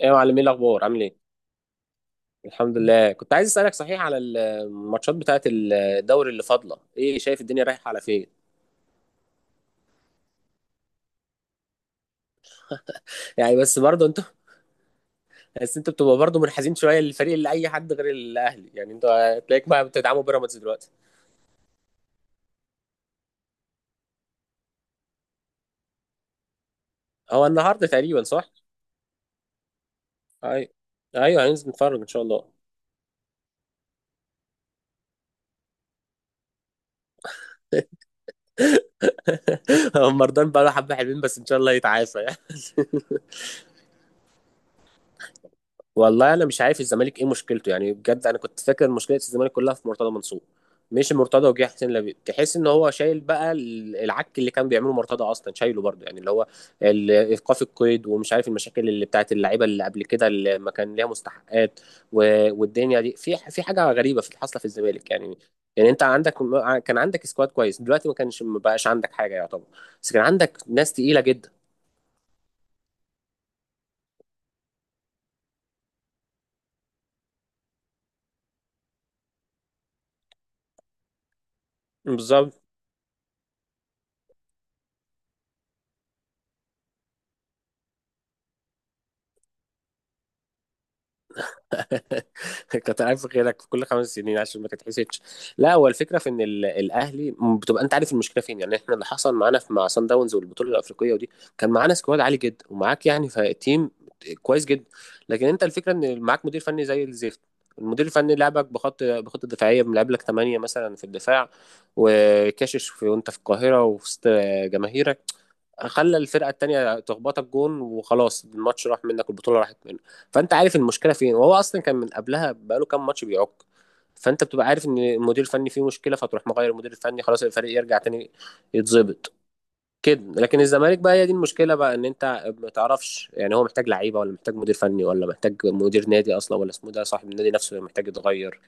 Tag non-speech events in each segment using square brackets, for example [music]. ايه يا معلم، ايه الاخبار؟ عامل ايه؟ الحمد لله. كنت عايز اسالك، صحيح، على الماتشات بتاعه الدوري اللي فاضله، ايه شايف الدنيا رايحه على فين؟ يعني بس برضه انتوا [laughs] بس انتوا بتبقى برضه منحازين شويه للفريق اللي اي حد غير الاهلي، يعني انتوا هتلاقيك بقى بتدعموا بيراميدز دلوقتي. هو النهارده تقريبا، صح؟ ايوه. ايوه هننزل نتفرج ان شاء الله. [laughs] هو مرضان بقى له حبه حلوين، بس ان شاء الله يتعافى يعني. [laughs] والله انا مش عارف الزمالك ايه مشكلته يعني، بجد انا كنت فاكر مشكله الزمالك كلها في مرتضى منصور. مش مرتضى وجه حسين لبيب، تحس ان هو شايل بقى العك اللي كان بيعمله مرتضى اصلا، شايله برضه، يعني اللي هو ايقاف القيد ومش عارف المشاكل اللي بتاعت اللعيبه اللي قبل كده اللي ما كان ليها مستحقات. والدنيا دي، في حاجه غريبه في، حاصله في الزمالك يعني. يعني انت عندك، كان عندك سكواد كويس، دلوقتي ما كانش، ما بقاش عندك حاجه يعتبر. بس كان عندك ناس تقيله جدا. بالظبط. [laughs] كنت عارف غيرك في كل خمس سنين عشان ما تتحسدش. لا هو الفكره في ان الاهلي بتبقى انت عارف المشكله فين، يعني احنا اللي حصل معانا في مع سان داونز والبطوله الافريقيه ودي، كان معانا سكواد عالي جدا، ومعاك يعني تيم كويس جدا. لكن انت الفكره ان معاك مدير فني زي الزفت. المدير الفني لعبك بخطه دفاعيه، بيلعب لك 8 مثلا في الدفاع، وكاشش في، وانت في القاهره وفي وسط جماهيرك. خلى الفرقه التانيه تخبطك جون، وخلاص الماتش راح منك والبطوله راحت منك. فانت عارف المشكله فين، وهو اصلا كان من قبلها بقاله كام ماتش بيعك. فانت بتبقى عارف ان المدير الفني فيه مشكله، فتروح مغير المدير الفني، خلاص الفريق يرجع تاني يتظبط. كده. لكن الزمالك بقى هي دي المشكله بقى، ان انت ما تعرفش يعني هو محتاج لعيبه، ولا محتاج مدير فني، ولا محتاج مدير نادي اصلا، ولا اسمه ده صاحب النادي نفسه محتاج يتغير.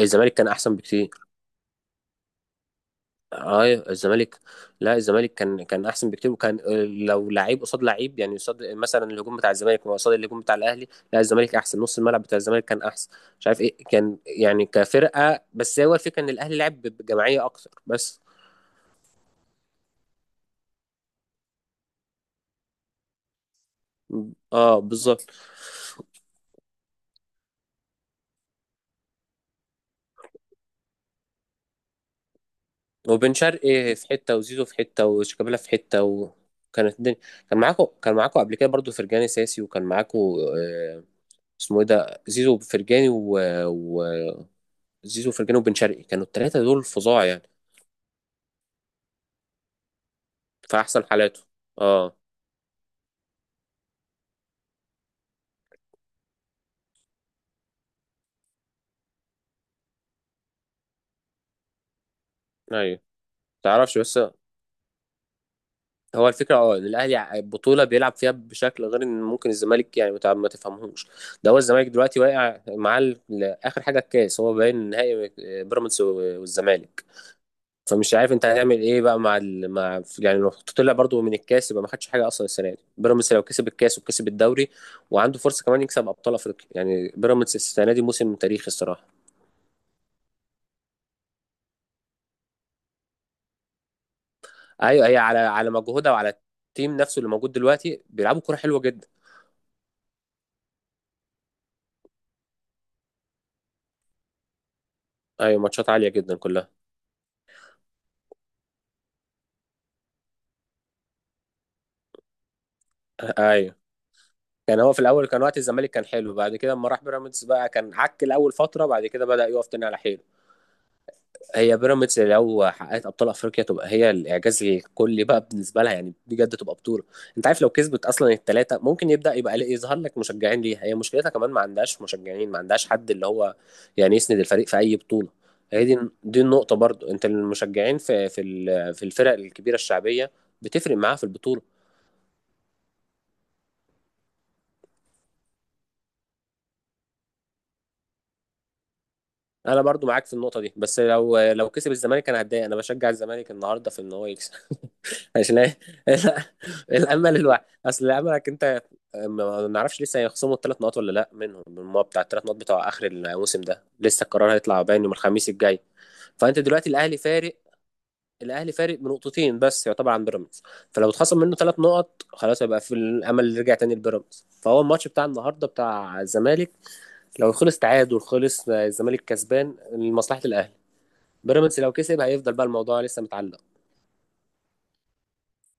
الزمالك كان احسن بكتير. اه. الزمالك، لا الزمالك كان احسن بكتير، وكان لو لعيب قصاد لعيب يعني، قصاد مثلا الهجوم بتاع الزمالك قصاد الهجوم بتاع الاهلي، لا الزمالك احسن. نص الملعب بتاع الزمالك كان احسن. مش عارف ايه كان يعني كفرقه، بس هو الفكره ان الاهلي لعب بجماعيه اكتر بس. اه بالظبط. وبن شرقي في حته، وزيزو في حته، وشيكابالا في حته، وكانت الدنيا. كان معاكم قبل كده برضو فرجاني ساسي، وكان معاكم آه، اسمه ايه ده، زيزو وفرجاني. زيزو وفرجاني وبن شرقي كانوا الثلاثه دول فظاع يعني. في احسن حالاته. اه. ايوه. تعرفش بس، هو الفكره اه ان الاهلي البطوله بيلعب فيها بشكل غير ان ممكن الزمالك يعني ما تفهمهوش. ده هو الزمالك دلوقتي واقع مع اخر حاجه الكاس، هو باين نهائي بيراميدز والزمالك. فمش عارف انت هتعمل ايه بقى مع يعني لو طلع برضو من الكاس يبقى ما خدش حاجه اصلا السنه دي. بيراميدز لو كسب الكاس وكسب الدوري، وعنده فرصه كمان يكسب ابطال افريقيا، يعني بيراميدز السنه دي موسم تاريخي الصراحه. ايوه. هي على مجهودها وعلى التيم نفسه اللي موجود دلوقتي، بيلعبوا كوره حلوه جدا. ايوه ماتشات عاليه جدا كلها. ايوه. كان هو في الاول كان وقت الزمالك كان حلو، بعد كده اما راح بيراميدز بقى كان عك الاول فتره، بعد كده بدأ يقف تاني على حيل. هي بيراميدز لو حققت ابطال افريقيا تبقى هي الاعجاز الكلي بقى بالنسبه لها، يعني بجد تبقى بطوله. انت عارف لو كسبت اصلا الثلاثه ممكن يبدا يبقى يظهر لك مشجعين ليها، هي مشكلتها كمان ما عندهاش مشجعين، ما عندهاش حد اللي هو يعني يسند الفريق في اي بطوله. هي دي النقطه برضو، انت المشجعين في في الفرق الكبيره الشعبيه بتفرق معاها في البطوله. انا برضو معاك في النقطه دي، بس لو كسب الزمالك انا هتضايق، انا بشجع الزمالك النهارده في ان هو يكسب. عشان إيه؟ [laughs] الامل الوحيد اصل الاملك انت. ما نعرفش لسه هيخصموا الثلاث نقط ولا لا منهم من الماتش بتاع الثلاث نقط بتوع اخر الموسم ده، لسه القرار هيطلع باين يوم الخميس الجاي. فانت دلوقتي الاهلي فارق، الاهلي فارق بنقطتين بس يعتبر عن بيراميدز. فلو اتخصم منه ثلاث نقط خلاص هيبقى في الامل اللي يرجع تاني لبيراميدز. فهو الماتش بتاع النهارده بتاع الزمالك، لو خلص تعادل خلص الزمالك كسبان لمصلحه الاهلي. بيراميدز لو كسب هيفضل بقى الموضوع لسه متعلق.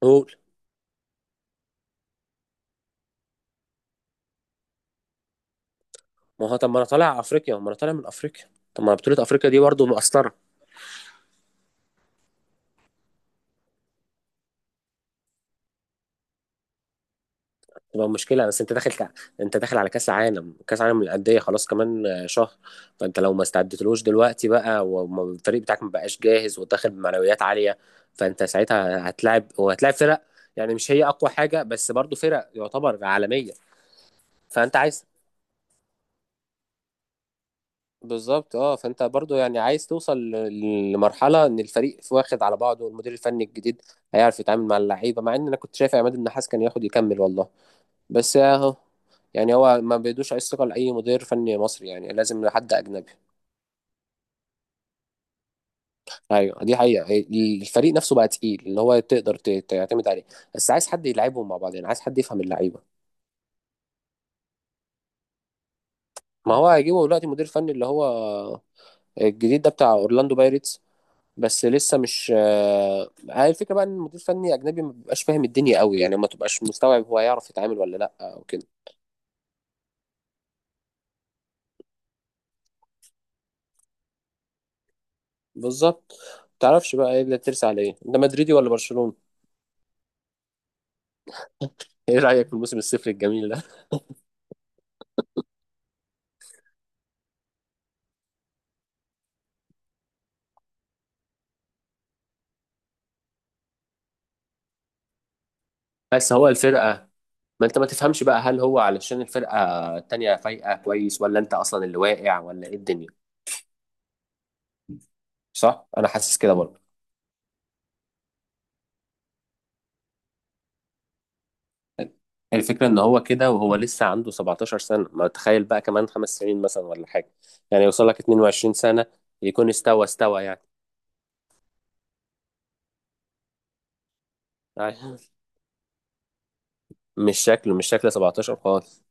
قول. ما هو طب، ما انا طالع افريقيا، ما انا طالع من افريقيا. طب ما بطولة افريقيا دي برضه مقصرة. تبقى مشكلة، بس انت داخل انت داخل على كاس عالم، كاس عالم للأندية، خلاص كمان شهر. فانت لو ما استعدتلوش دلوقتي بقى، والفريق بتاعك ما بقاش جاهز وداخل بمعنويات عالية، فانت ساعتها هتلاعب، وهتلاعب فرق يعني مش هي اقوى حاجة بس برضه فرق يعتبر عالمية. فانت عايز، بالظبط اه. فانت برضو يعني عايز توصل لمرحله ان الفريق واخد على بعضه، والمدير الفني الجديد هيعرف يتعامل مع اللعيبه، مع ان انا كنت شايف عماد النحاس كان ياخد يكمل والله. بس اهو. يعني هو ما بيدوش اي ثقه لاي مدير فني مصري، يعني لازم لحد اجنبي. ايوه دي حقيقه. الفريق نفسه بقى تقيل، اللي هو تقدر تعتمد عليه، بس عايز حد يلعبهم مع بعض، يعني عايز حد يفهم اللعيبه. ما هو هيجيبه دلوقتي مدير فني اللي هو الجديد ده بتاع اورلاندو بايرتس، بس لسه مش هي الفكره بقى ان المدير الفني اجنبي ما بيبقاش فاهم الدنيا قوي، يعني ما تبقاش مستوعب هو يعرف يتعامل ولا لا او كده. بالظبط. ما تعرفش بقى ايه اللي ترسى على ايه، انت مدريدي ولا برشلونه؟ ايه رايك في الموسم الصفر الجميل ده؟ [laughs] بس هو الفرقه، ما انت ما تفهمش بقى هل هو علشان الفرقه التانيه فايقه كويس، ولا انت اصلا اللي واقع، ولا ايه الدنيا. صح، انا حاسس كده برضه. الفكرة ان هو كده وهو لسه عنده 17 سنة، ما تخيل بقى كمان خمس سنين مثلا ولا حاجة، يعني يوصل لك 22 سنة، يكون استوى استوى يعني. أيوة. مش شكله، مش شكله 17 خالص.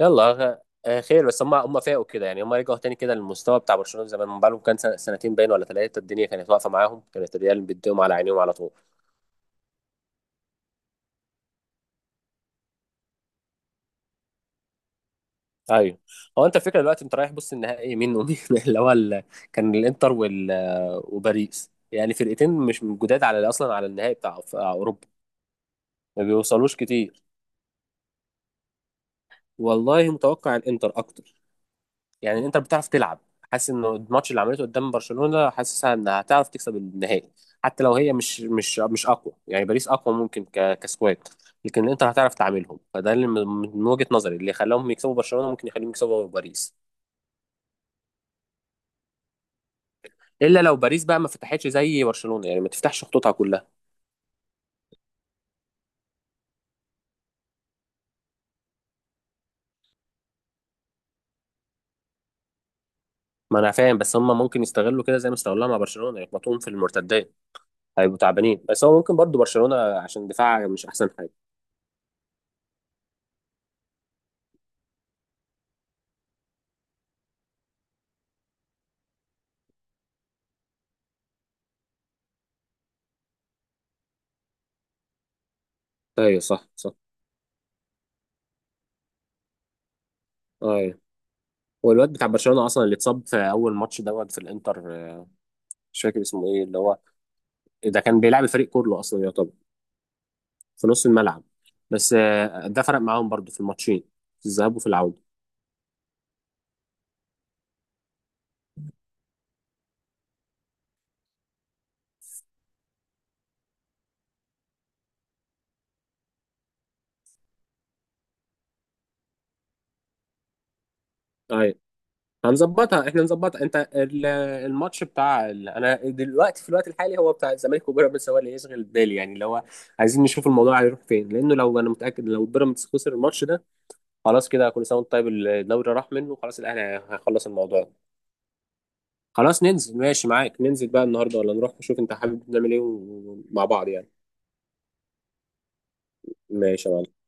يلا غ- خير بس، هم فاقوا كده يعني، هم رجعوا تاني كده للمستوى بتاع برشلونة زمان. من بقالهم كان سنتين باين ولا ثلاثة، الدنيا كانت واقفة معاهم، كانت الريال بيديهم على عينيهم على طول. ايوه. هو انت الفكره دلوقتي، انت رايح بص النهائي مين ومين [laughs] اللي هو كان الانتر وباريس، يعني فرقتين مش من جداد على اصلا على النهائي بتاع بتاع اوروبا، ما بيوصلوش كتير. والله متوقع الانتر اكتر، يعني الانتر بتعرف تلعب. حاسس انه الماتش اللي عملته قدام برشلونه، حاسسها انها هتعرف تكسب النهائي. حتى لو هي مش مش اقوى يعني، باريس اقوى ممكن كسكواد، لكن الانتر هتعرف تعاملهم. فده اللي من وجهه نظري اللي خلاهم يكسبوا برشلونه، ممكن يخليهم يكسبوا باريس. الا لو باريس بقى ما فتحتش زي برشلونه، يعني ما تفتحش خطوطها كلها. ما انا فاهم، بس هم ممكن يستغلوا كده زي ما استغلوها مع برشلونه، يخبطوهم في المرتدات، هيبقوا تعبانين. بس هو ممكن برضو برشلونه عشان دفاعها مش احسن حاجه. ايوه صح صح. ايوه. والواد بتاع برشلونه اصلا اللي اتصاب في اول ماتش دوت في الانتر، مش فاكر اسمه ايه، اللي هو ده كان بيلعب الفريق كله اصلا يعتبر في نص الملعب. بس ده فرق معاهم برضو في الماتشين، في الذهاب وفي العوده. ايوه. هنظبطها احنا، نظبطها انت، الماتش بتاع انا دلوقتي في الوقت الحالي هو بتاع الزمالك وبيراميدز هو اللي يشغل بالي، يعني اللي هو عايزين نشوف الموضوع هيروح فين. لانه لو، انا متاكد لو بيراميدز خسر الماتش ده، خلاص كده كل سنه وانت طيب، الدوري راح منه خلاص الاهلي هيخلص الموضوع ده. خلاص ننزل، ماشي معاك، ننزل بقى النهارده، ولا نروح نشوف، انت حابب نعمل ايه مع بعض يعني. ماشي يا معلم.